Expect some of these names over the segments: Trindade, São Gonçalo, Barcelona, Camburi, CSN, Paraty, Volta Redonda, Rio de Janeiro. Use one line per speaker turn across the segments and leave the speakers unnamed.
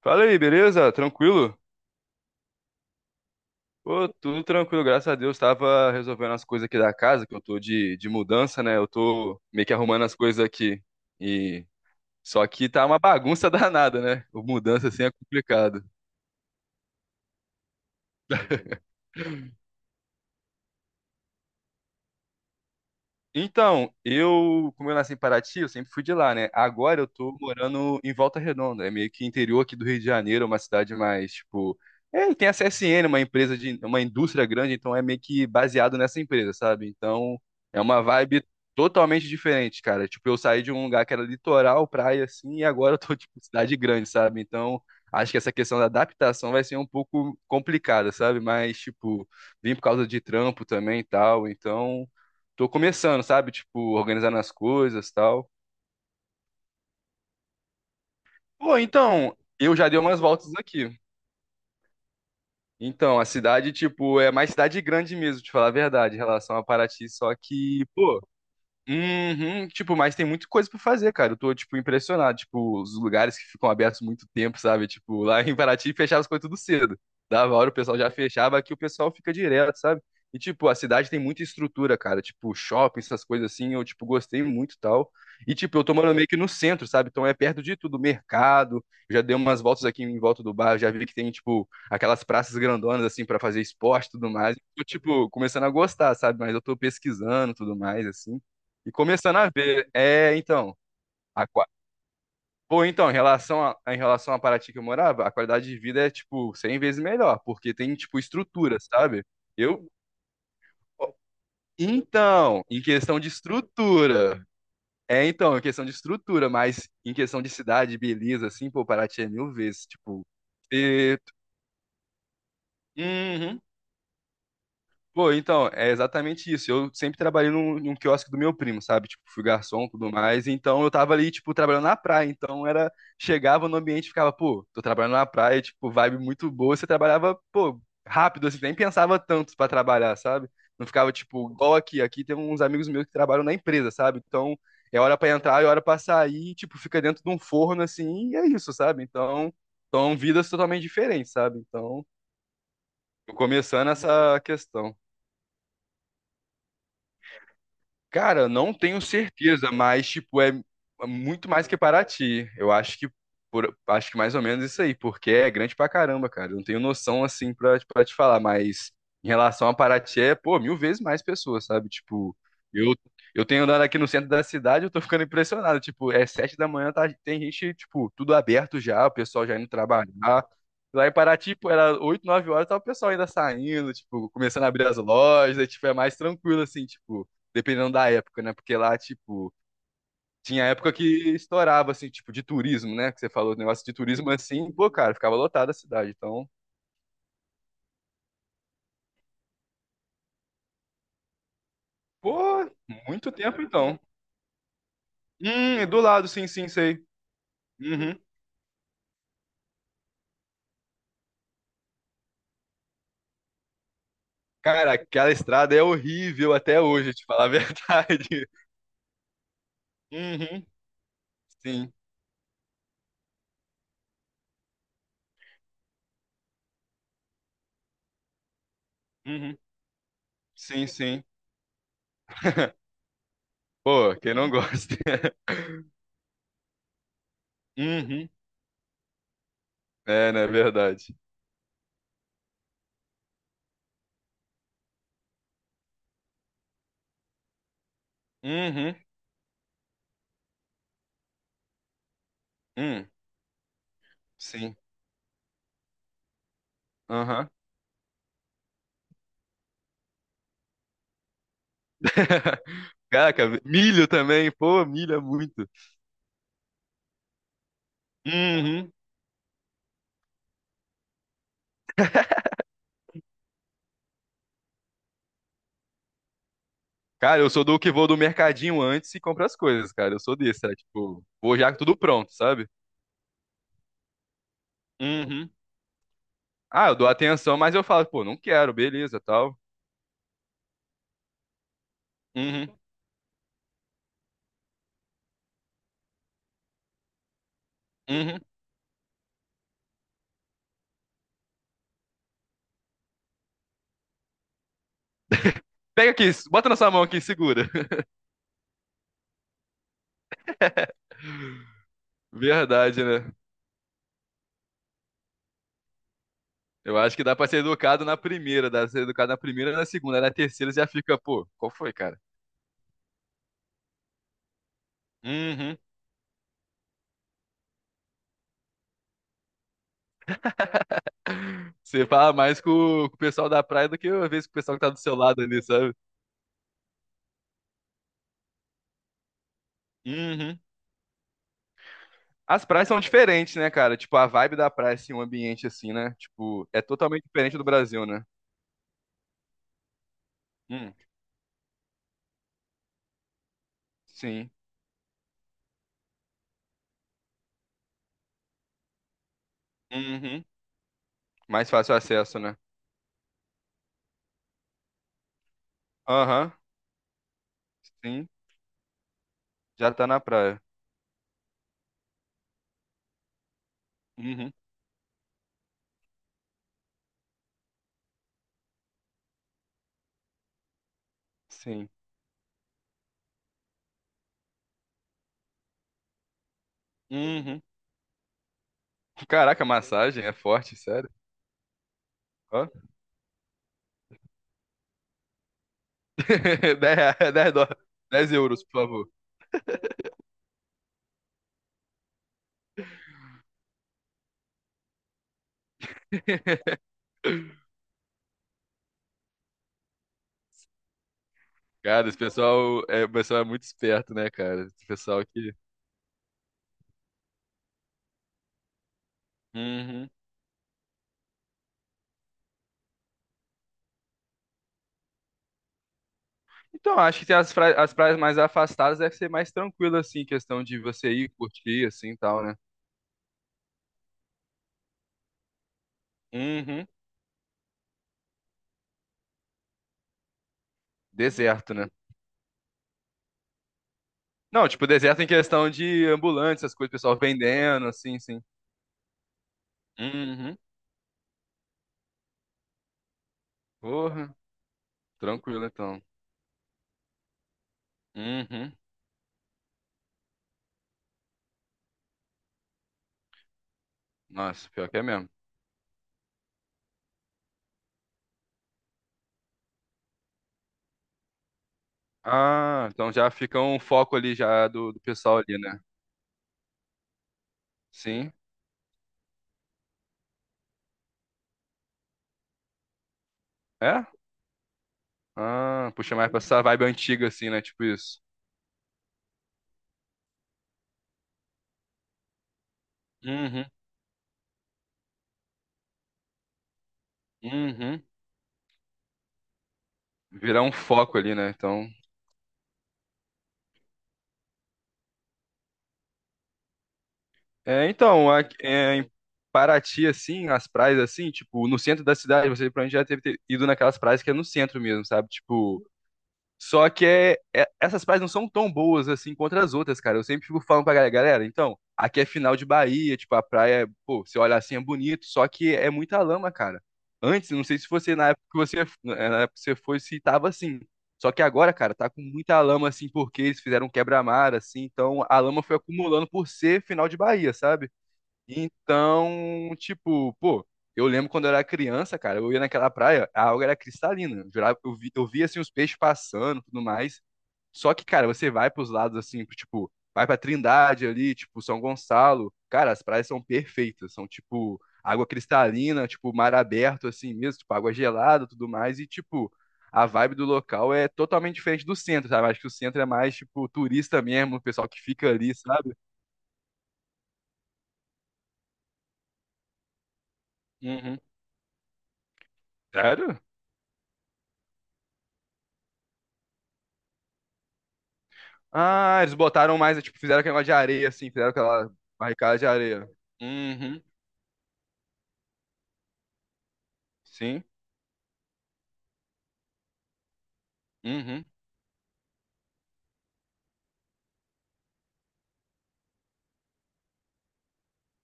Fala aí, beleza? Tranquilo? Pô, tudo tranquilo, graças a Deus. Tava resolvendo as coisas aqui da casa, que eu tô de mudança, né? Eu tô meio que arrumando as coisas aqui. E só que tá uma bagunça danada, né? O Mudança assim é complicado. Então, como eu nasci em Paraty, eu sempre fui de lá, né? Agora eu tô morando em Volta Redonda, é meio que interior aqui do Rio de Janeiro, é uma cidade mais, tipo, tem a CSN, uma empresa uma indústria grande, então é meio que baseado nessa empresa, sabe? Então, é uma vibe totalmente diferente, cara. Tipo, eu saí de um lugar que era litoral, praia assim, e agora eu tô tipo cidade grande, sabe? Então, acho que essa questão da adaptação vai ser um pouco complicada, sabe? Mas tipo, vim por causa de trampo também e tal, então tô começando, sabe? Tipo, organizando as coisas e tal. Pô, então, eu já dei umas voltas aqui. Então, a cidade, tipo, é mais cidade grande mesmo, te falar a verdade, em relação a Paraty, só que, pô, uhum, tipo, mas tem muita coisa pra fazer, cara. Eu tô, tipo, impressionado. Tipo, os lugares que ficam abertos muito tempo, sabe? Tipo, lá em Paraty fechava as coisas tudo cedo. Dava hora, o pessoal já fechava, aqui o pessoal fica direto, sabe? E, tipo, a cidade tem muita estrutura, cara. Tipo, shopping, essas coisas assim, eu, tipo, gostei muito e tal. E, tipo, eu tô morando meio que no centro, sabe? Então é perto de tudo, mercado. Já dei umas voltas aqui em volta do bairro, já vi que tem, tipo, aquelas praças grandonas, assim, pra fazer esporte e tudo mais. Tô, tipo, começando a gostar, sabe? Mas eu tô pesquisando e tudo mais, assim. E começando a ver, é, então, a, qua- pô, então, em relação à Paraty que eu morava, a qualidade de vida é, tipo, 100 vezes melhor, porque tem, tipo, estrutura, sabe? Eu, então, em questão de estrutura, mas em questão de cidade, beleza, assim, pô, Paraty é mil vezes, tipo, e, pô, então, é exatamente isso. Eu sempre trabalhei num quiosque do meu primo, sabe? Tipo, fui garçom, e tudo mais. Então, eu tava ali, tipo, trabalhando na praia. Então, era... Chegava no ambiente e ficava, pô, tô trabalhando na praia, tipo, vibe muito boa. Você trabalhava, pô, rápido, assim, nem pensava tanto pra trabalhar, sabe? Não ficava, tipo, igual aqui. Aqui tem uns amigos meus que trabalham na empresa, sabe? Então, é hora pra entrar, é hora pra sair. Tipo, fica dentro de um forno, assim, e é isso, sabe? Então, são vidas totalmente diferentes, sabe? Então, tô começando essa questão. Cara, eu não tenho certeza, mas tipo é muito mais que Paraty. Eu acho que por- acho que mais ou menos isso aí, porque é grande pra caramba, cara. Eu não tenho noção assim pra te falar, mas em relação a Paraty é, pô, mil vezes mais pessoas, sabe? Tipo, eu eu tenho andado aqui no centro da cidade, eu tô ficando impressionado. Tipo, é 7 da manhã, tá, tem gente tipo tudo aberto já, o pessoal já indo trabalhar. Lá em Paraty, pô, era 8 9 horas, tava o pessoal ainda saindo, tipo, começando a abrir as lojas, aí, tipo, é mais tranquilo, assim, tipo, dependendo da época, né? Porque lá, tipo, tinha época que estourava, assim, tipo, de turismo, né? Que você falou, negócio de turismo assim, pô, cara, ficava lotada a cidade. Então, pô, muito tempo então. É do lado, sim, sim, sei. Uhum. Cara, aquela estrada é horrível até hoje, te falar a verdade. Uhum, sim. Uhum, sim, sim. Pô, quem não gosta? Uhum. É, não é verdade. Uhum. Hum, sim. Caraca, milho também, pô, milho é muito. Uhum. Cara, eu sou do que vou do mercadinho antes e compro as coisas, cara. Eu sou desse, é tipo, vou já com tudo pronto, sabe? Uhum. Ah, eu dou atenção, mas eu falo, pô, não quero, beleza, tal. Uhum. Uhum. Pega aqui, bota na sua mão aqui, segura. Verdade, né? Eu acho que dá pra ser educado na primeira, dá pra ser educado na primeira, na segunda, na terceira já fica, pô, qual foi, cara? Uhum. Você fala mais com o pessoal da praia do que às vezes com o pessoal que tá do seu lado ali, sabe? Uhum. As praias são diferentes, né, cara? Tipo, a vibe da praia, assim, um ambiente assim, né? Tipo, é totalmente diferente do Brasil, né? Hum, sim. Uhum. Mais fácil acesso, né? Aham, sim. Já tá na praia. Uhum, sim. Uhum. Caraca, massagem é forte, sério? Ó. 10 10 dólares. 10 euros, por favor. Cara, esse pessoal é, o pessoal é muito esperto, né, cara? Esse pessoal que. Então, acho que as praias mais afastadas deve ser mais tranquilo, assim, questão de você ir curtir, assim, e tal, né? Uhum. Deserto, né? Não, tipo, deserto em questão de ambulância, as coisas, pessoal vendendo, assim, sim. Uhum. Porra, tranquilo, então. Uhum. Nossa, pior que é mesmo. Ah, então já fica um foco ali já do pessoal ali, né? Sim. É? Ah, puxa mais pra essa vibe antiga, assim, né? Tipo isso. Uhum. Uhum. Virar um foco ali, né? Então. É, então, a- é, em Paraty, assim, as praias, assim, tipo, no centro da cidade, você provavelmente já deve ter ido naquelas praias que é no centro mesmo, sabe? Tipo, só que é, essas praias não são tão boas, assim, contra as outras, cara. Eu sempre fico falando pra galera, galera, então, aqui é final de Bahia, tipo, a praia, pô, você olha assim, é bonito, só que é muita lama, cara. Antes, não sei se você, na época que você, eh, na época que você foi, se tava assim. Só que agora, cara, tá com muita lama, assim, porque eles fizeram um quebra-mar, assim, então a lama foi acumulando por ser final de Bahia, sabe? Então, tipo, pô, eu lembro quando eu era criança, cara, eu ia naquela praia, a água era cristalina. Eu, jurava- eu vi, eu via, assim, os peixes passando e tudo mais. Só que, cara, você vai pros lados, assim, pro, tipo, vai pra Trindade ali, tipo, São Gonçalo. Cara, as praias são perfeitas, são, tipo, água cristalina, tipo, mar aberto, assim mesmo, tipo, água gelada e tudo mais. E, tipo, a vibe do local é totalmente diferente do centro, sabe? Acho que o centro é mais, tipo, turista mesmo, o pessoal que fica ali, sabe? Uhum. Sério? Ah, eles botaram mais, tipo, fizeram aquele negócio de areia, assim, fizeram aquela barricada de areia. Uhum, sim, uhum,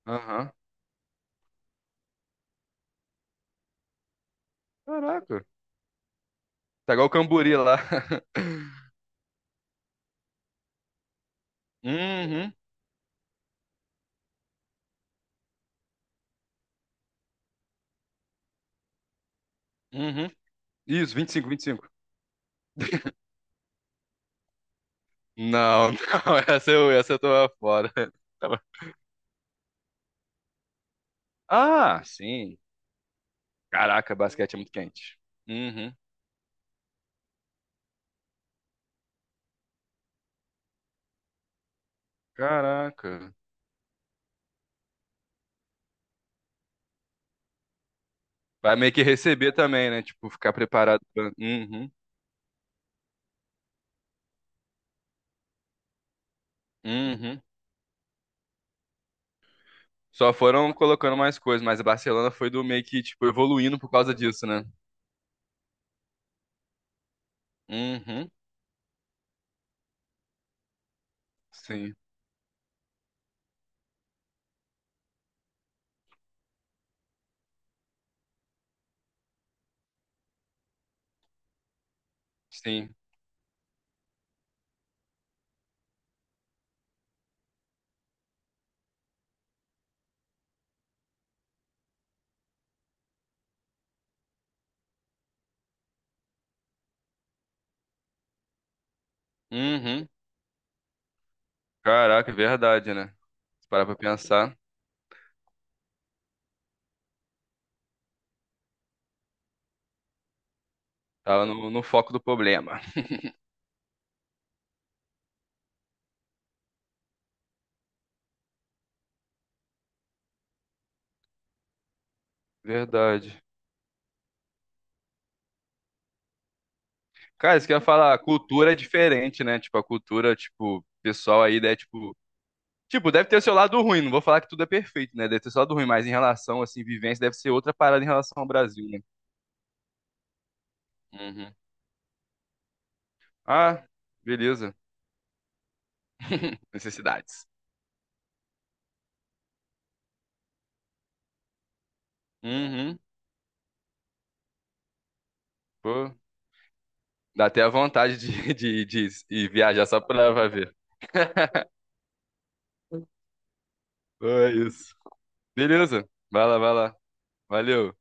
aham. Caraca, tá igual o Camburi lá. Uhum, uhum. Isso, vinte e cinco, 25. Não, não, essa eu tô fora. Tá bom. Ah, sim. Caraca, basquete é muito quente. Uhum. Caraca. Vai meio que receber também, né? Tipo, ficar preparado pra... Uhum, uhum. Só foram colocando mais coisas, mas a Barcelona foi do meio que, tipo, evoluindo por causa disso, né? Uhum, sim, sim. Uhum. Caraca, é verdade, né? Se parar pra pensar, tava no foco do problema. Verdade. Cara, isso que eu ia falar, a cultura é diferente, né? Tipo, a cultura, tipo, pessoal aí, né? Tipo, deve ter o seu lado ruim, não vou falar que tudo é perfeito, né? Deve ter o seu lado ruim, mas em relação, assim, vivência, deve ser outra parada em relação ao Brasil, né? Uhum. Ah, beleza. Necessidades. Uhum. Pô. Dá até a vontade de ir viajar só pra lá pra ver. É isso. Beleza. Vai lá, vai lá. Valeu.